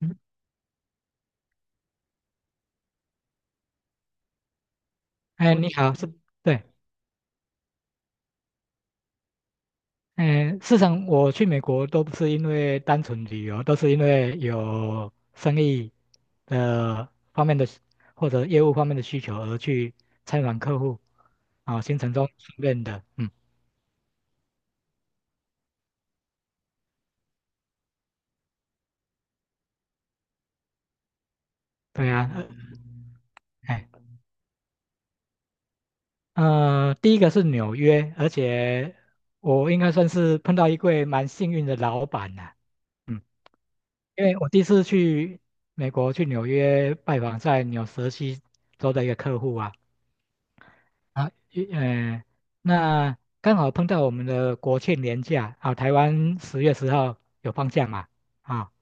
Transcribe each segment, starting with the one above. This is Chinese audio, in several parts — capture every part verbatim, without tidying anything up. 嗯，哎，你好，是，对，哎，事实上我去美国都不是因为单纯旅游，都是因为有生意的方面的需或者业务方面的需求而去参访客户，啊、行程中训练的，嗯，对啊，呃哎，呃，第一个是纽约，而且我应该算是碰到一位蛮幸运的老板呐、嗯，因为我第一次去美国去纽约拜访在纽泽西州的一个客户啊。啊，一呃，那刚好碰到我们的国庆年假啊，台湾十月十号有放假嘛？啊，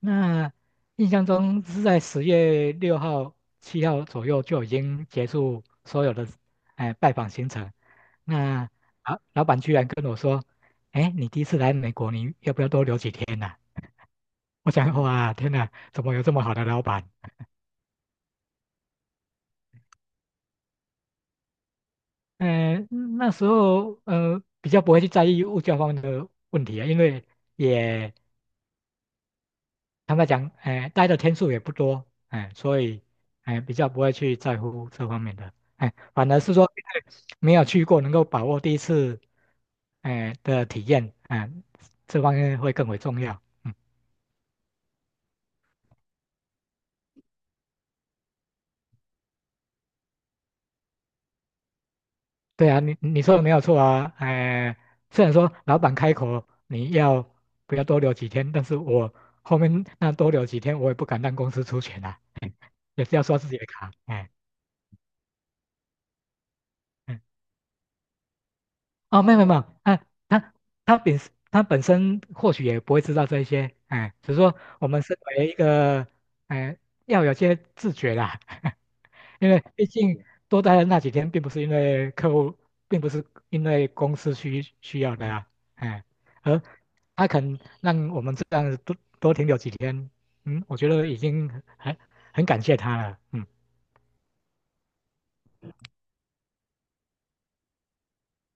那印象中是在十月六号、七号左右就已经结束所有的哎、拜访行程。那啊，老板居然跟我说，哎，你第一次来美国，你要不要多留几天呢？" 我想，哇，天哪，怎么有这么好的老板？呃嗯，那时候呃比较不会去在意物价方面的问题啊，因为也坦白讲，哎、待的天数也不多，哎、所以哎、比较不会去在乎这方面的，哎、反而是说因为没有去过，能够把握第一次，哎、的体验，哎、这方面会更为重要。嗯，对啊，你你说的没有错啊，哎、虽然说老板开口你要不要多留几天，但是我后面那多留几天，我也不敢让公司出钱啊。也是要刷自己的卡，哎，嗯，哦，没有没有没有，啊，他他本他本身或许也不会知道这一些，哎，只是说我们身为一个，哎，要有些自觉啦，因为毕竟多待了那几天，并不是因为客户，并不是因为公司需需要的呀，哎，而他肯让我们这样多多停留几天，嗯，我觉得已经很很感谢他了，嗯，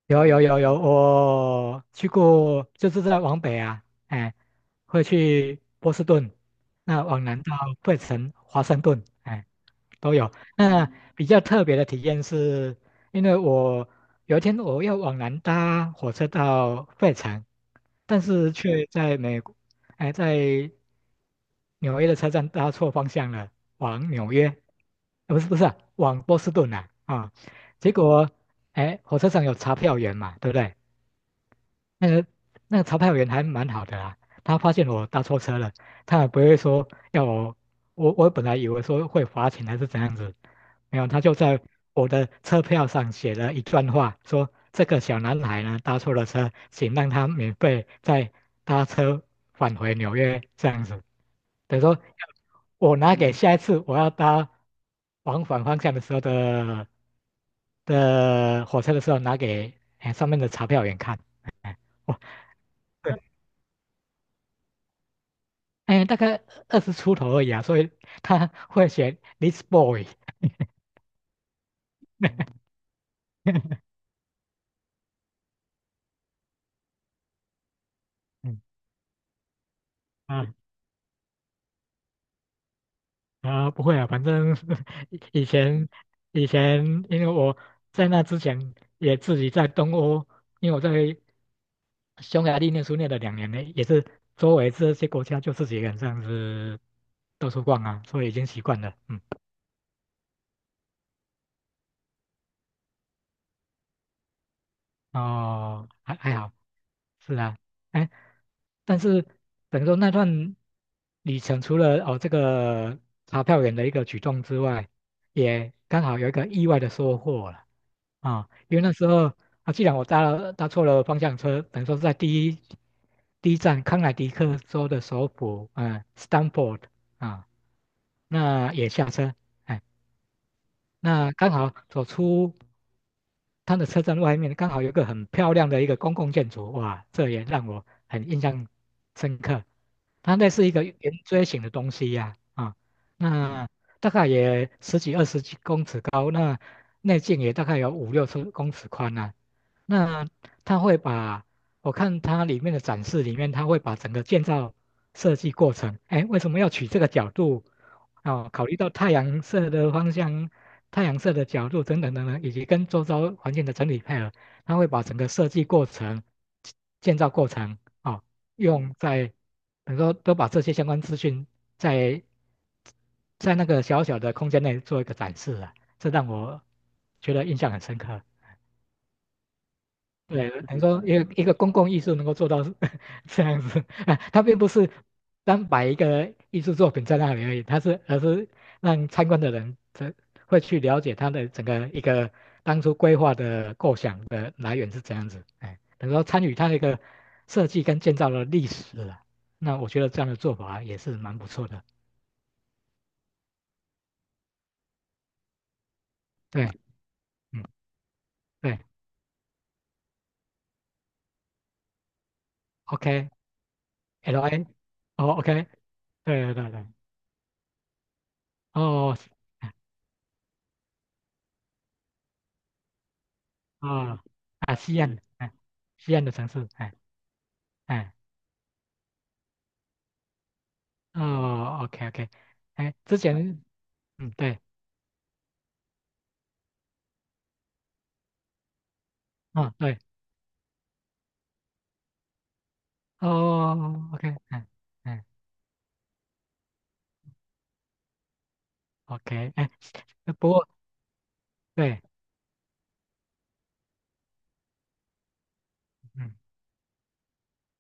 有有有有，我去过，就是在往北啊，哎，会去波士顿，那往南到费城、华盛顿，哎，都有。那比较特别的体验是，因为我有一天我要往南搭火车到费城，但是却在美国，哎，在纽约的车站搭错方向了，往纽约，呃不是不是啊往波士顿啊啊，结果哎，火车上有查票员嘛，对不对？那个那个查票员还蛮好的啦，他发现我搭错车了，他也不会说要我，我我本来以为说会罚钱还是怎样子，没有，他就在我的车票上写了一段话，说这个小男孩呢搭错了车，请让他免费再搭车返回纽约这样子，等于说我拿给下一次我要搭往返方向的时候的的火车的时候拿给哎上面的查票员看。哎哇，对，哎，大概二十出头而已啊，所以他 会选 this boy。嗯啊啊，不会啊，反正 以前以前，因为我在那之前也自己在东欧，因为我在匈牙利念书念了两年呢，也是周围这些国家就自己一个人这样子到处逛啊，所以已经习惯了。嗯，哦，还还好。是啊，哎，但是等于说那段旅程，除了哦这个查票员的一个举动之外，也刚好有一个意外的收获了啊、因为那时候啊，既然我搭了搭错了方向车，等于说是在第一第一站康乃狄克州的首府，嗯、s t a n f o r d 啊，那也下车，哎，那刚好走出。它的车站外面刚好有一个很漂亮的一个公共建筑，哇，这也让我很印象深刻。它那是一个圆锥形的东西呀、啊，那大概也十几二十几公尺高，那内径也大概有五六十公尺宽啊。那它会把，我看它里面的展示里面，它会把整个建造设计过程，哎，为什么要取这个角度？哦，考虑到太阳射的方向、太阳射的角度等等等等，以及跟周遭环境的整体配合，它会把整个设计过程、建建造过程哦，用在等于说都把这些相关资讯在在那个小小的空间内做一个展示啊，这让我觉得印象很深刻。对，你说一个一个公共艺术能够做到是 这样子，啊，它并不是单摆一个艺术作品在那里而已，它是而是让参观的人才会去了解它的整个一个当初规划的构想的来源是怎样子，哎，等于说参与它的一个设计跟建造的历史了。那我觉得这样的做法也是蛮不错的。对，嗯，对OK，L A，哦，OK,对对对对，哦。哦，啊，西安，哎，西安的城市，哎，哎，哦，OK OK,哎，之前，嗯，对，嗯，对，哦，OK,哎，嗯 o k 哎，不过，对，嗯，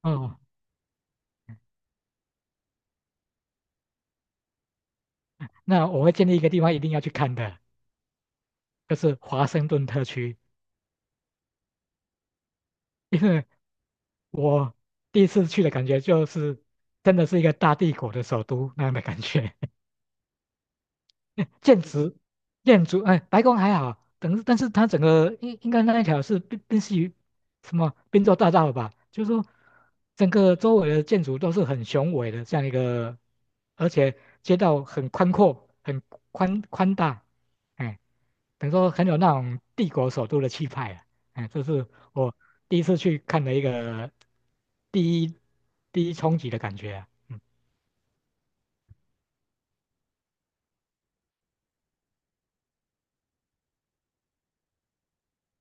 哦，那我会建立一个地方一定要去看的，就是华盛顿特区，因为我第一次去的感觉就是真的是一个大帝国的首都那样的感觉，建筑，建筑，哎，白宫还好，等，但是它整个应应该那一条是宾宾夕于什么宾州大道吧？就是说，整个周围的建筑都是很雄伟的，这样一个，而且街道很宽阔，很宽宽大，哎，等于说很有那种帝国首都的气派啊，哎，这是我第一次去看的一个第一第一冲击的感觉啊，嗯，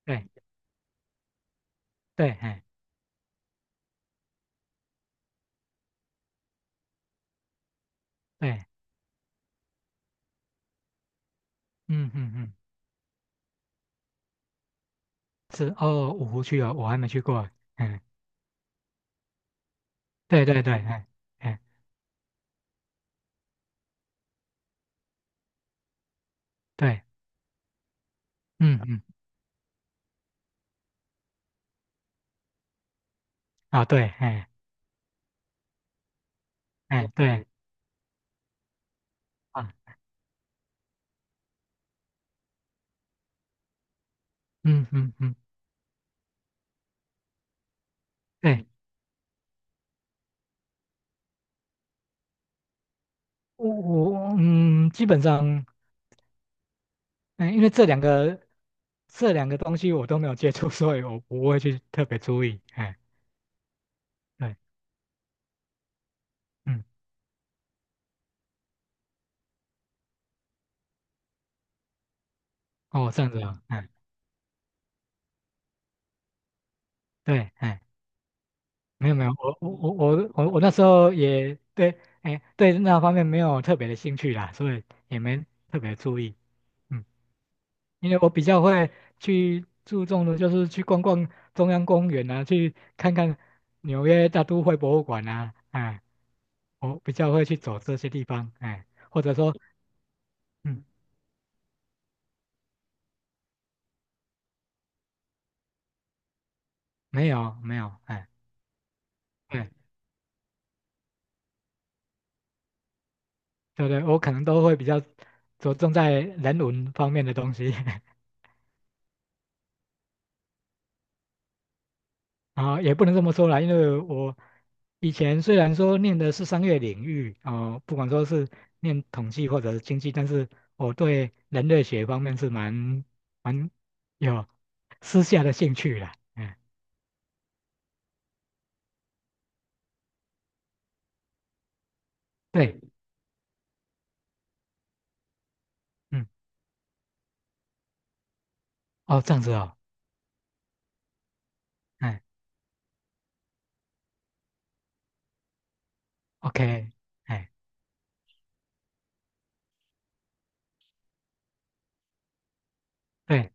对对，哎对，嗯嗯嗯。是哦，五湖区哦，我还没去过。嗯，对对对，哎哎对，嗯嗯啊对，哎哎对啊，嗯嗯嗯，对，我我嗯，基本上，嗯，因为这两个这两个东西我都没有接触，所以我不会去特别注意。哎，对，嗯，哦，这样子啊，哎对，哎，没有没有，我我我我我我那时候也对，哎对那方面没有特别的兴趣啦，所以也没特别注意。嗯。因为我比较会去注重的就是去逛逛中央公园啊，去看看纽约大都会博物馆啊，哎，我比较会去走这些地方，哎，或者说，嗯，没有没有，哎，对对对，我可能都会比较着重在人文方面的东西。啊，也不能这么说啦，因为我以前虽然说念的是商业领域啊、不管说是念统计或者是经济，但是我对人类学方面是蛮蛮有私下的兴趣啦。嗯，对，嗯，嗯哦，这样子哦，嗯，OK,哎，对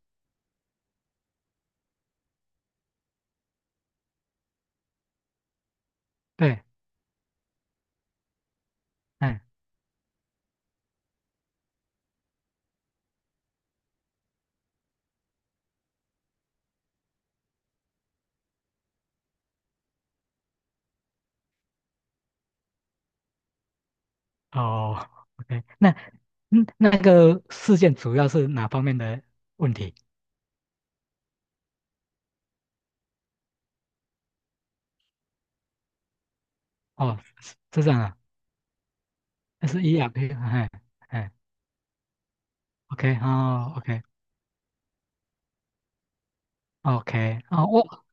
对，嗯，哦，OK,那嗯那个事件主要是哪方面的问题？哦，是是这样啊，那是 ERP,哎哎，OK,哦，OK。OK,哦，我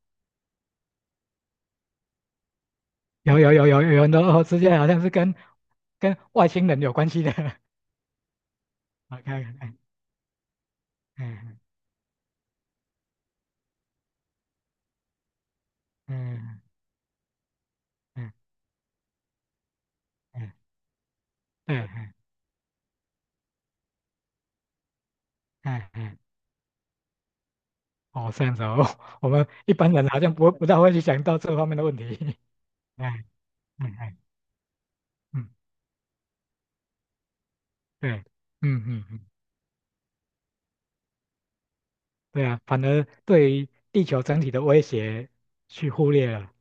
有有有有有很多哦，事件好像是跟跟外星人有关系的。OK,嗯嗯嗯嗯嗯，对，嗯嗯嗯，哦，这样子哦，我们一般人好像不会不大会去想到这方面的问题。嗯嗯嗯嗯，对，嗯嗯嗯，对啊，反而对于地球整体的威胁去忽略了。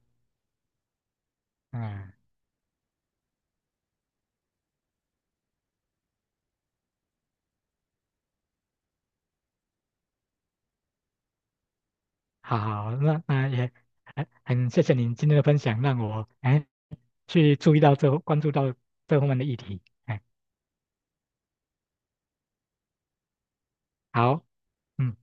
嗯，好，那那也很很谢谢您今天的分享，让我哎去注意到这关注到这方面的议题。哎，好，嗯，